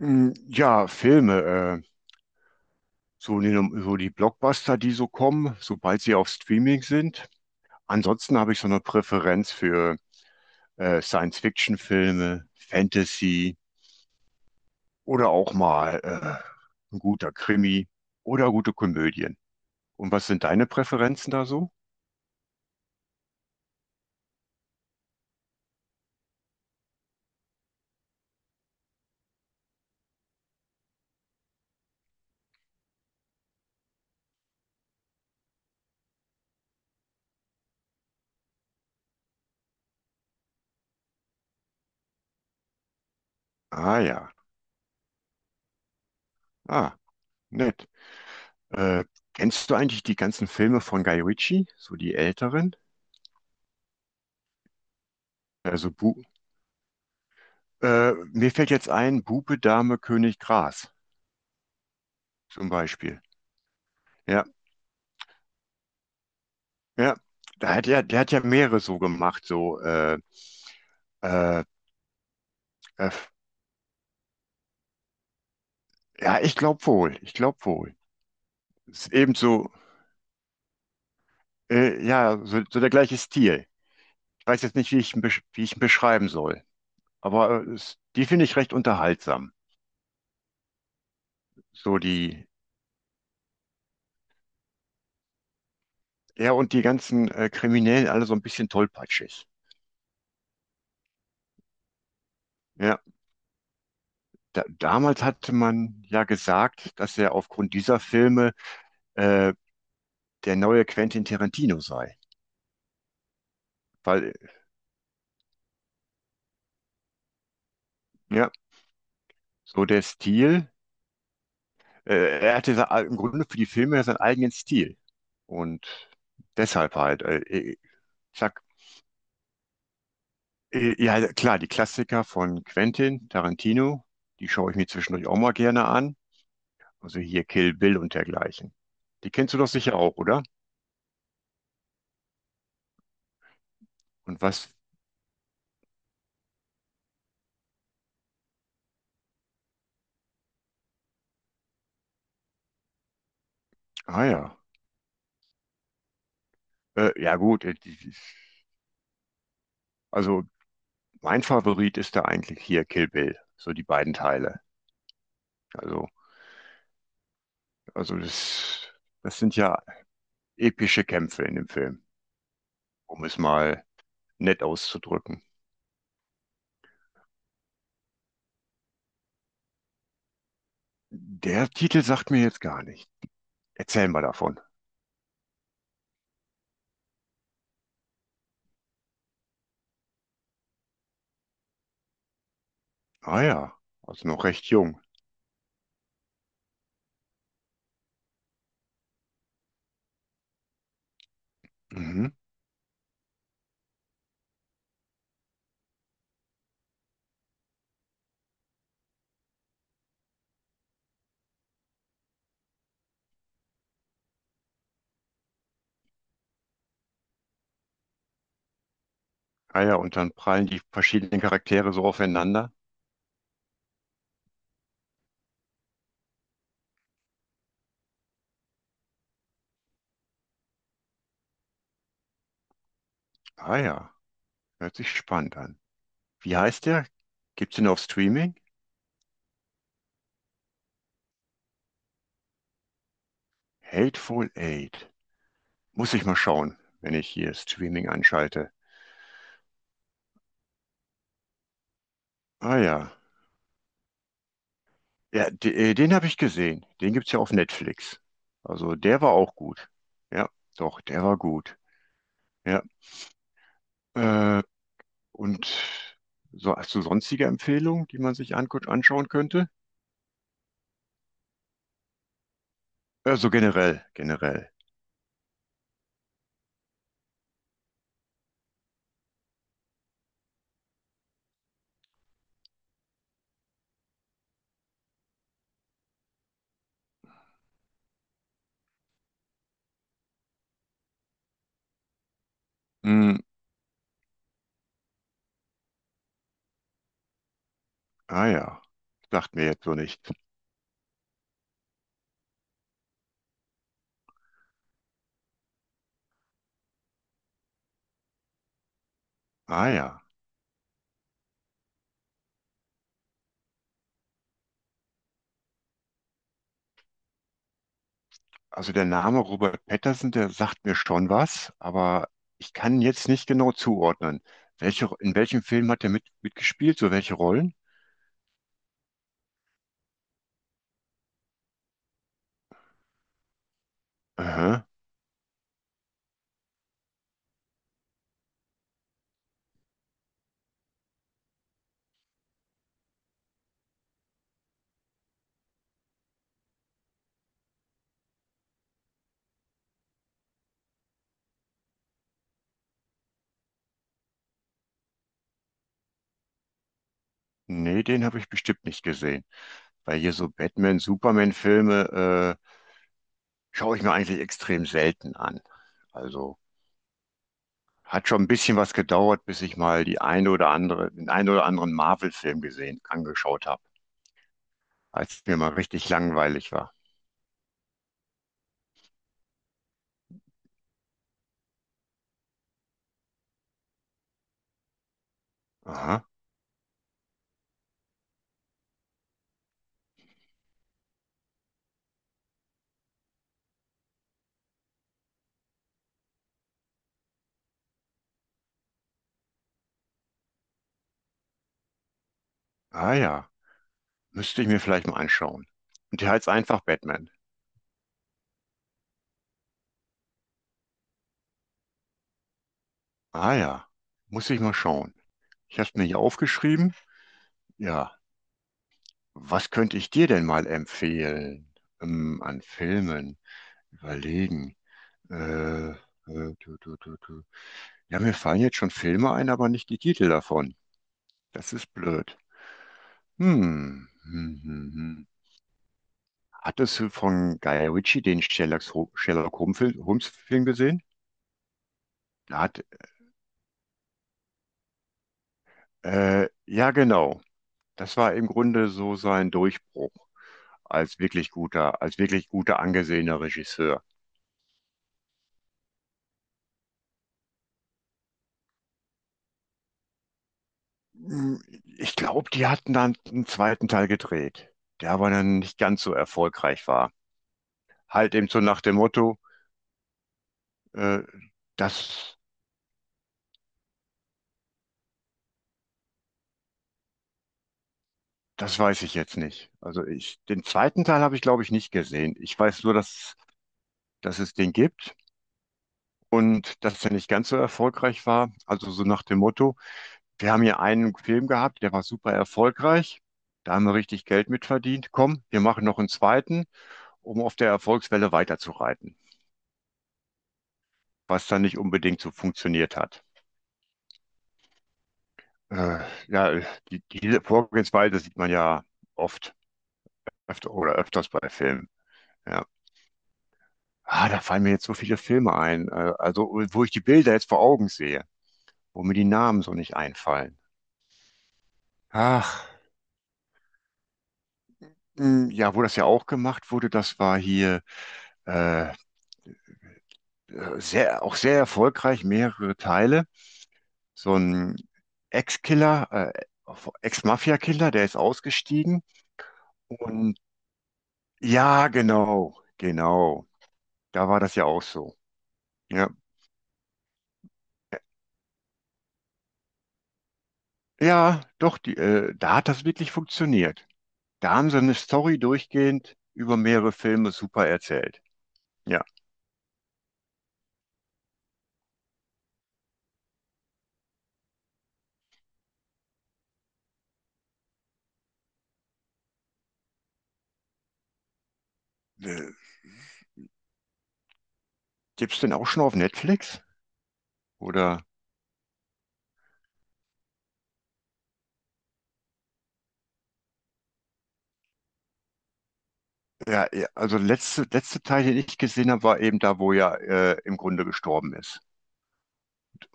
Mm, ja, Filme, so, so die Blockbuster, die so kommen, sobald sie auf Streaming sind. Ansonsten habe ich so eine Präferenz für Science-Fiction-Filme, Fantasy oder auch mal ein guter Krimi oder gute Komödien. Und was sind deine Präferenzen da so? Ah ja. Ah, nett. Äh, Kennst du eigentlich die ganzen Filme von Guy Ritchie, so die älteren? Also Bu Mir fällt jetzt ein, Bube, Dame, König, Gras zum Beispiel. Ja, ja. Da hat er, der hat ja mehrere so gemacht, äh, äh, ja, ich glaube wohl. Ist eben so, ja, so der gleiche Stil. Ich weiß jetzt nicht, wie ich ihn, besch wie ich ihn beschreiben soll, aber die finde ich recht unterhaltsam. So die Ja, und die ganzen Kriminellen alle so ein bisschen tollpatschig. Ja, damals hatte man ja gesagt, dass er aufgrund dieser Filme äh, der neue Quentin Tarantino sei. Weil, ja, so der Stil, äh, er hatte im Grunde für die Filme ja seinen eigenen Stil. Und deshalb halt, ich sag, ja, klar, die Klassiker von Quentin Tarantino, die schaue ich mir zwischendurch auch mal gerne an. Also hier Kill Bill und dergleichen. Die kennst du doch sicher auch, oder? Und was? Ah ja. Ja gut, also mein Favorit ist da eigentlich hier Kill Bill, so die beiden Teile. Also, also das, das sind ja epische Kämpfe in dem Film, um es mal nett auszudrücken. Der Titel sagt mir jetzt gar nicht. Erzähl mal davon. Ah ja, also noch recht jung. Mhm. Ah ja, und dann prallen die verschiedenen Charaktere so aufeinander. Ah ja, hört sich spannend an. Wie heißt der? Gibt's den auf Streaming? Hateful Eight. Muss ich mal schauen, wenn ich hier Streaming anschalte. Ah ja, ja, den habe ich gesehen. Den gibt's ja auf Netflix. Also der war auch gut. Ja, doch, der war gut. Ja, äh, und so hast du sonstige Empfehlungen, die man sich anschauen könnte? Also generell, generell. Hm, ah ja, sagt mir jetzt so nicht. Ah ja. Also der Name Robert Patterson, der sagt mir schon was, aber ich kann jetzt nicht genau zuordnen. Welche, in welchem Film hat er mitgespielt? So welche Rollen? Aha. Nee, den habe ich bestimmt nicht gesehen. Weil hier so Batman, Superman-Filme schaue ich mir eigentlich extrem selten an. Also hat schon ein bisschen was gedauert, bis ich mal die eine oder andere, den einen oder anderen Marvel-Film gesehen, angeschaut habe, als es mir mal richtig langweilig war. Aha. Ah ja. Müsste ich mir vielleicht mal anschauen. Und der heißt einfach Batman. Ah ja. Muss ich mal schauen. Ich habe es mir hier aufgeschrieben. Ja. Was könnte ich dir denn mal empfehlen? An Filmen. Überlegen. Äh, äh, du, du. Ja, mir fallen jetzt schon Filme ein, aber nicht die Titel davon. Das ist blöd. Hm. Hm, hm, hm. Hattest du von Guy Ritchie den Sherlock Holmes Film Holmes Film gesehen? Da hat, ja, genau. Das war im Grunde so sein Durchbruch als wirklich guter angesehener Regisseur. Ich glaube, die hatten dann einen zweiten Teil gedreht, der aber dann nicht ganz so erfolgreich war. Halt eben so nach dem Motto, äh, das, das weiß ich jetzt nicht. Also ich, den zweiten Teil habe ich, glaube ich, nicht gesehen. Ich weiß nur, dass es den gibt und dass der nicht ganz so erfolgreich war. Also so nach dem Motto, wir haben hier einen Film gehabt, der war super erfolgreich. Da haben wir richtig Geld mitverdient. Komm, wir machen noch einen zweiten, um auf der Erfolgswelle weiterzureiten, was dann nicht unbedingt so funktioniert hat. Äh, ja, diese Vorgehensweise sieht man ja oft, öfter oder öfters bei Filmen. Ja. Ah, da fallen mir jetzt so viele Filme ein, also wo ich die Bilder jetzt vor Augen sehe, wo mir die Namen so nicht einfallen. Ach, mh, ja, wo das ja auch gemacht wurde, das war hier äh, sehr, auch sehr erfolgreich, mehrere Teile. So ein Ex-Killer, Ex-Mafia-Killer, der ist ausgestiegen. Und ja, genau, genau. Da war das ja auch so. Ja, ja, doch, da hat das wirklich funktioniert. Da haben sie eine Story durchgehend über mehrere Filme super erzählt. Ja. Äh, gibt's denn auch schon auf Netflix? Oder? Ja, ja, also letzte Teil, den ich gesehen habe, war eben da, wo er im Grunde gestorben ist.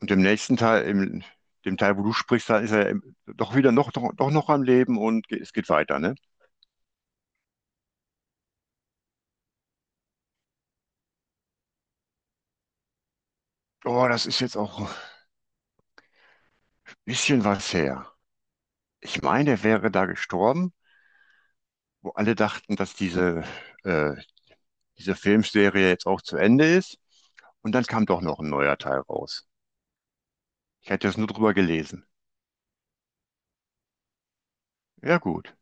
Und im nächsten Teil, im dem Teil, wo du sprichst, da ist er doch wieder noch, doch, doch noch am Leben und ge es geht weiter, ne? Oh, das ist jetzt auch ein bisschen was her. Ich meine, er wäre da gestorben, wo alle dachten, dass äh, diese Filmserie jetzt auch zu Ende ist. Und dann kam doch noch ein neuer Teil raus. Ich hätte das nur drüber gelesen. Ja, gut.